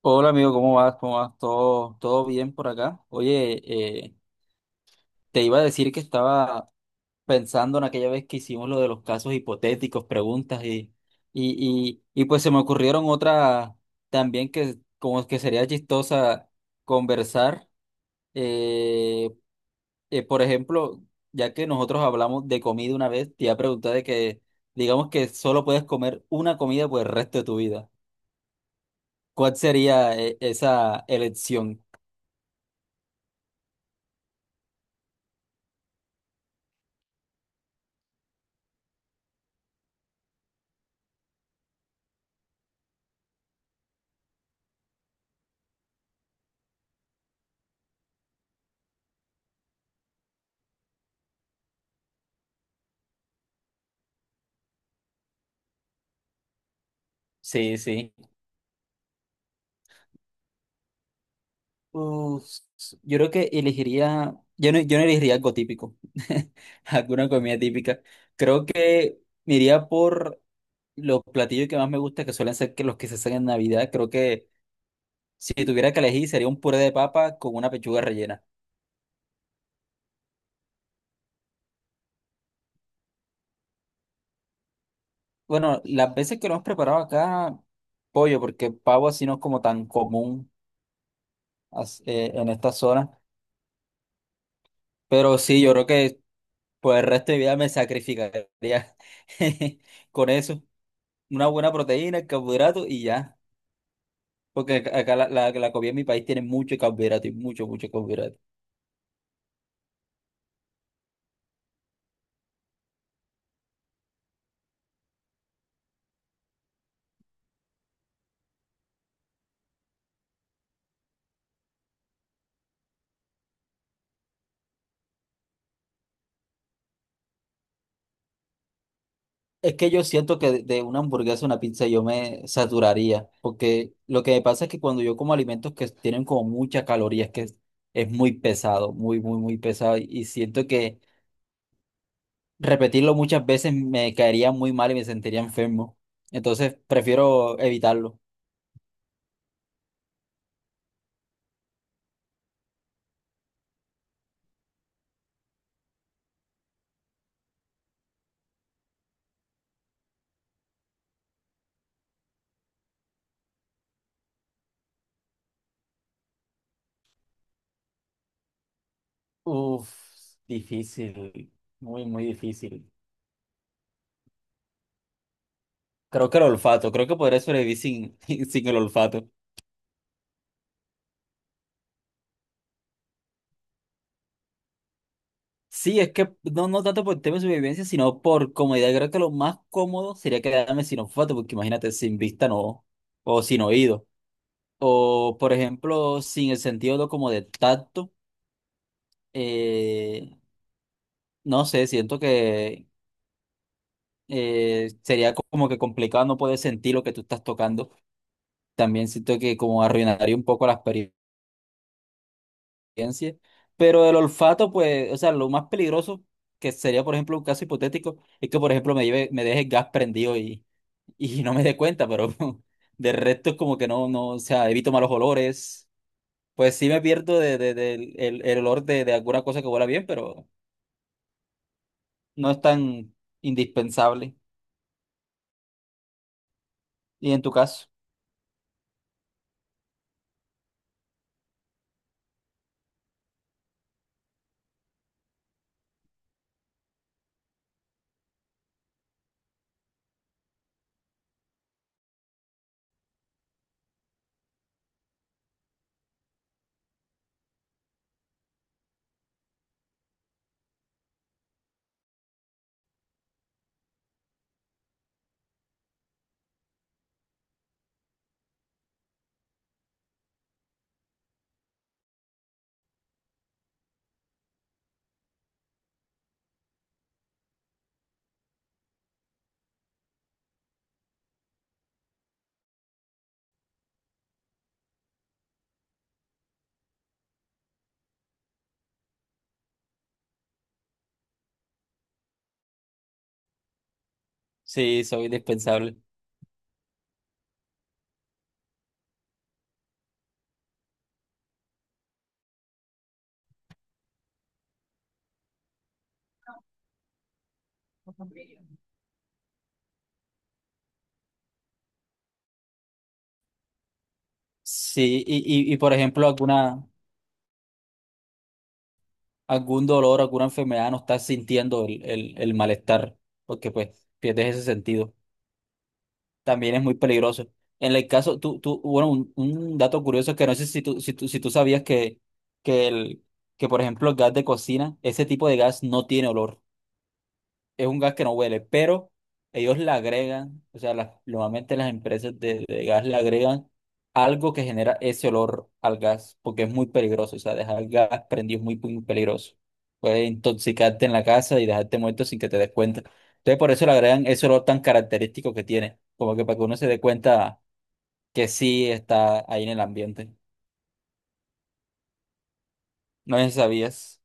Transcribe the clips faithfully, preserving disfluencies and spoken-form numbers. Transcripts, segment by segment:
Hola amigo, ¿cómo vas? ¿Cómo vas? ¿Todo, todo bien por acá? Oye, eh, te iba a decir que estaba pensando en aquella vez que hicimos lo de los casos hipotéticos, preguntas y, y, y, y pues se me ocurrieron otras también que como que sería chistosa conversar. Eh, eh, por ejemplo, ya que nosotros hablamos de comida una vez, te iba a preguntar de que digamos que solo puedes comer una comida por el resto de tu vida. ¿Cuál sería eh, esa elección? Sí, sí. Uf, yo creo que elegiría, yo no, yo no elegiría algo típico, alguna comida típica. Creo que me iría por los platillos que más me gustan, que suelen ser que los que se hacen en Navidad. Creo que si tuviera que elegir sería un puré de papa con una pechuga rellena. Bueno, las veces que lo hemos preparado acá, pollo, porque pavo así no es como tan común as- eh, en esta zona. Pero sí, yo creo que por el resto de mi vida me sacrificaría con eso. Una buena proteína, carbohidrato y ya. Porque ac- acá la, la, la comida en mi país tiene mucho carbohidrato y mucho, mucho carbohidrato. Es que yo siento que de, de una hamburguesa, una pizza, yo me saturaría. Porque lo que me pasa es que cuando yo como alimentos que tienen como muchas calorías, que es, es muy pesado, muy, muy, muy pesado. Y, y siento que repetirlo muchas veces me caería muy mal y me sentiría enfermo. Entonces prefiero evitarlo. Uf, difícil, muy, muy difícil. Creo que el olfato, creo que podría sobrevivir sin, sin el olfato. Sí, es que no, no tanto por tema de supervivencia, sino por comodidad. Creo que lo más cómodo sería quedarme sin olfato, porque imagínate, sin vista no, o sin oído. O, por ejemplo, sin el sentido de- como de tacto, eh, no sé, siento que eh, sería como que complicado no poder sentir lo que tú estás tocando. También siento que como arruinaría un poco la experiencia. Experiencia. Pero el olfato, pues, o sea, lo más peligroso que sería, por ejemplo, un caso hipotético, es que, por ejemplo, me lleve, me deje el gas prendido y, y no me dé cuenta, pero de resto es como que no, no, o sea, evito malos olores. Pues sí me pierdo de, de- del- el, el olor de, de alguna cosa que huela bien, pero no es tan indispensable. ¿Y en tu caso? Sí, soy indispensable. Sí, y, y, y por ejemplo, alguna... algún dolor, alguna enfermedad, no estás sintiendo el, el, el malestar, porque pues pierdes ese sentido. También es muy peligroso. En el caso, tú, tú, bueno, un, un dato curioso que no sé si tú, si tú, si tú sabías que, que, el, que, por ejemplo, el gas de cocina, ese tipo de gas no tiene olor, es un gas que no huele, pero ellos le agregan, o sea, las- normalmente las empresas de, de gas le agregan algo que genera ese olor al gas, porque es muy peligroso, o sea, dejar el gas prendido es muy, muy peligroso. Puede intoxicarte en la casa y dejarte muerto sin que te des cuenta. Entonces, por eso le agregan ese olor tan característico que tiene, como que para que uno se dé cuenta que sí está ahí en el ambiente. No sé si sabías.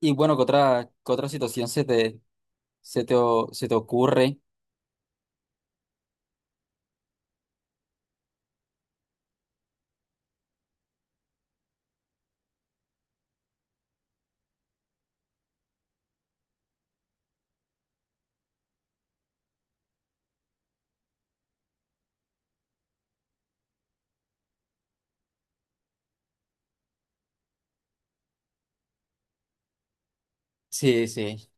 Y bueno, ¿qué otra, qué otra situación se te, se te, o- se te ocurre? Sí, sí.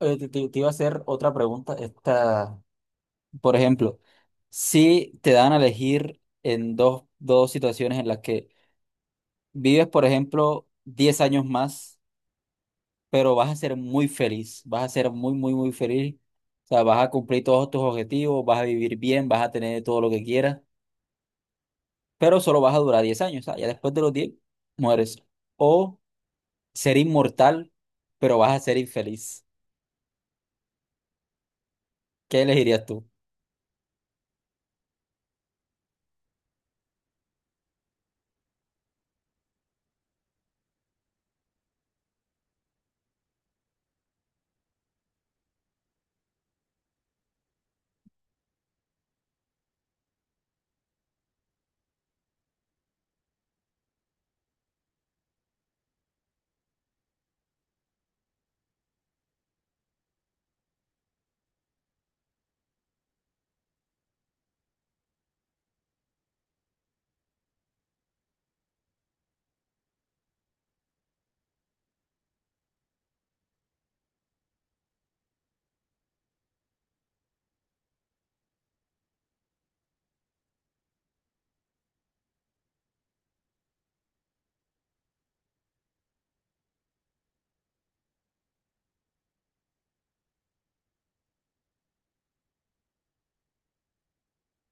Eh, te, te- te iba a hacer otra pregunta. Esta, por ejemplo, si te dan a elegir en dos, dos situaciones en las que vives, por ejemplo, diez años más, pero vas a ser muy feliz, vas a ser muy, muy, muy feliz. O sea, vas a cumplir todos tus objetivos, vas a vivir bien, vas a tener todo lo que quieras, pero solo vas a durar diez años. O sea, ya después de los diez mueres. O ser inmortal, pero vas a ser infeliz. ¿Qué elegirías tú?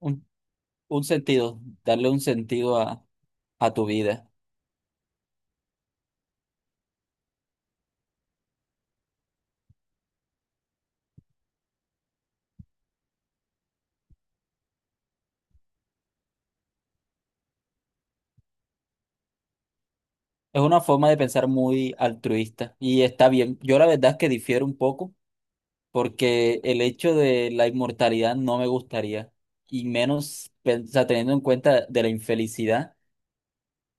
Un, un sentido, darle un sentido a tu vida. Es una forma de pensar muy altruista y está bien. Yo la verdad es que difiero un poco porque el hecho de la inmortalidad no me gustaría y menos, pen- o sea, teniendo en cuenta de la infelicidad,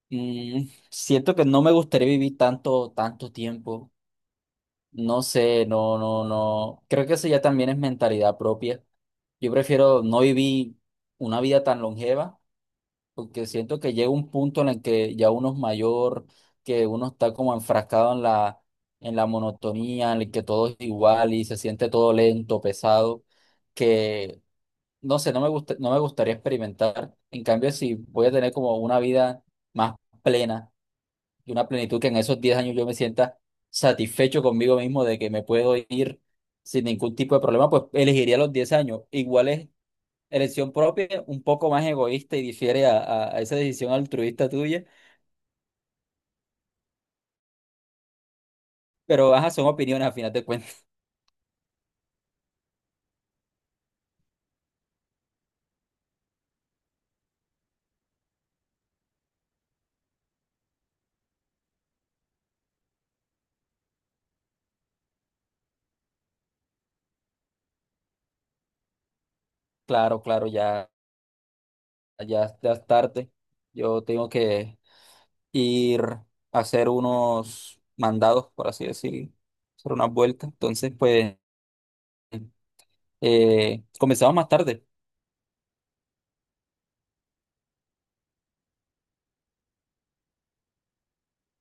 mm, siento que no me gustaría vivir tanto, tanto tiempo. No sé, no, no, no. Creo que eso ya también es mentalidad propia. Yo prefiero no vivir una vida tan longeva. Porque siento que llega un punto en el que ya uno es mayor, que uno está como enfrascado en la, en la monotonía, en el que todo es igual y se siente todo lento, pesado, que no sé, no me gusta, no me gustaría experimentar. En cambio, si voy a tener como una vida más plena y una plenitud que en esos diez años yo me sienta satisfecho conmigo mismo de que me puedo ir sin ningún tipo de problema, pues elegiría los diez años. Igual es elección propia, un poco más egoísta y difiere a, a- a esa decisión altruista tuya, pero ajá, son opiniones a final de cuentas. Claro, claro, ya, ya, ya es tarde. Yo tengo que ir a hacer unos mandados, por así decir, hacer unas vueltas. Entonces, pues, eh, comenzamos más tarde.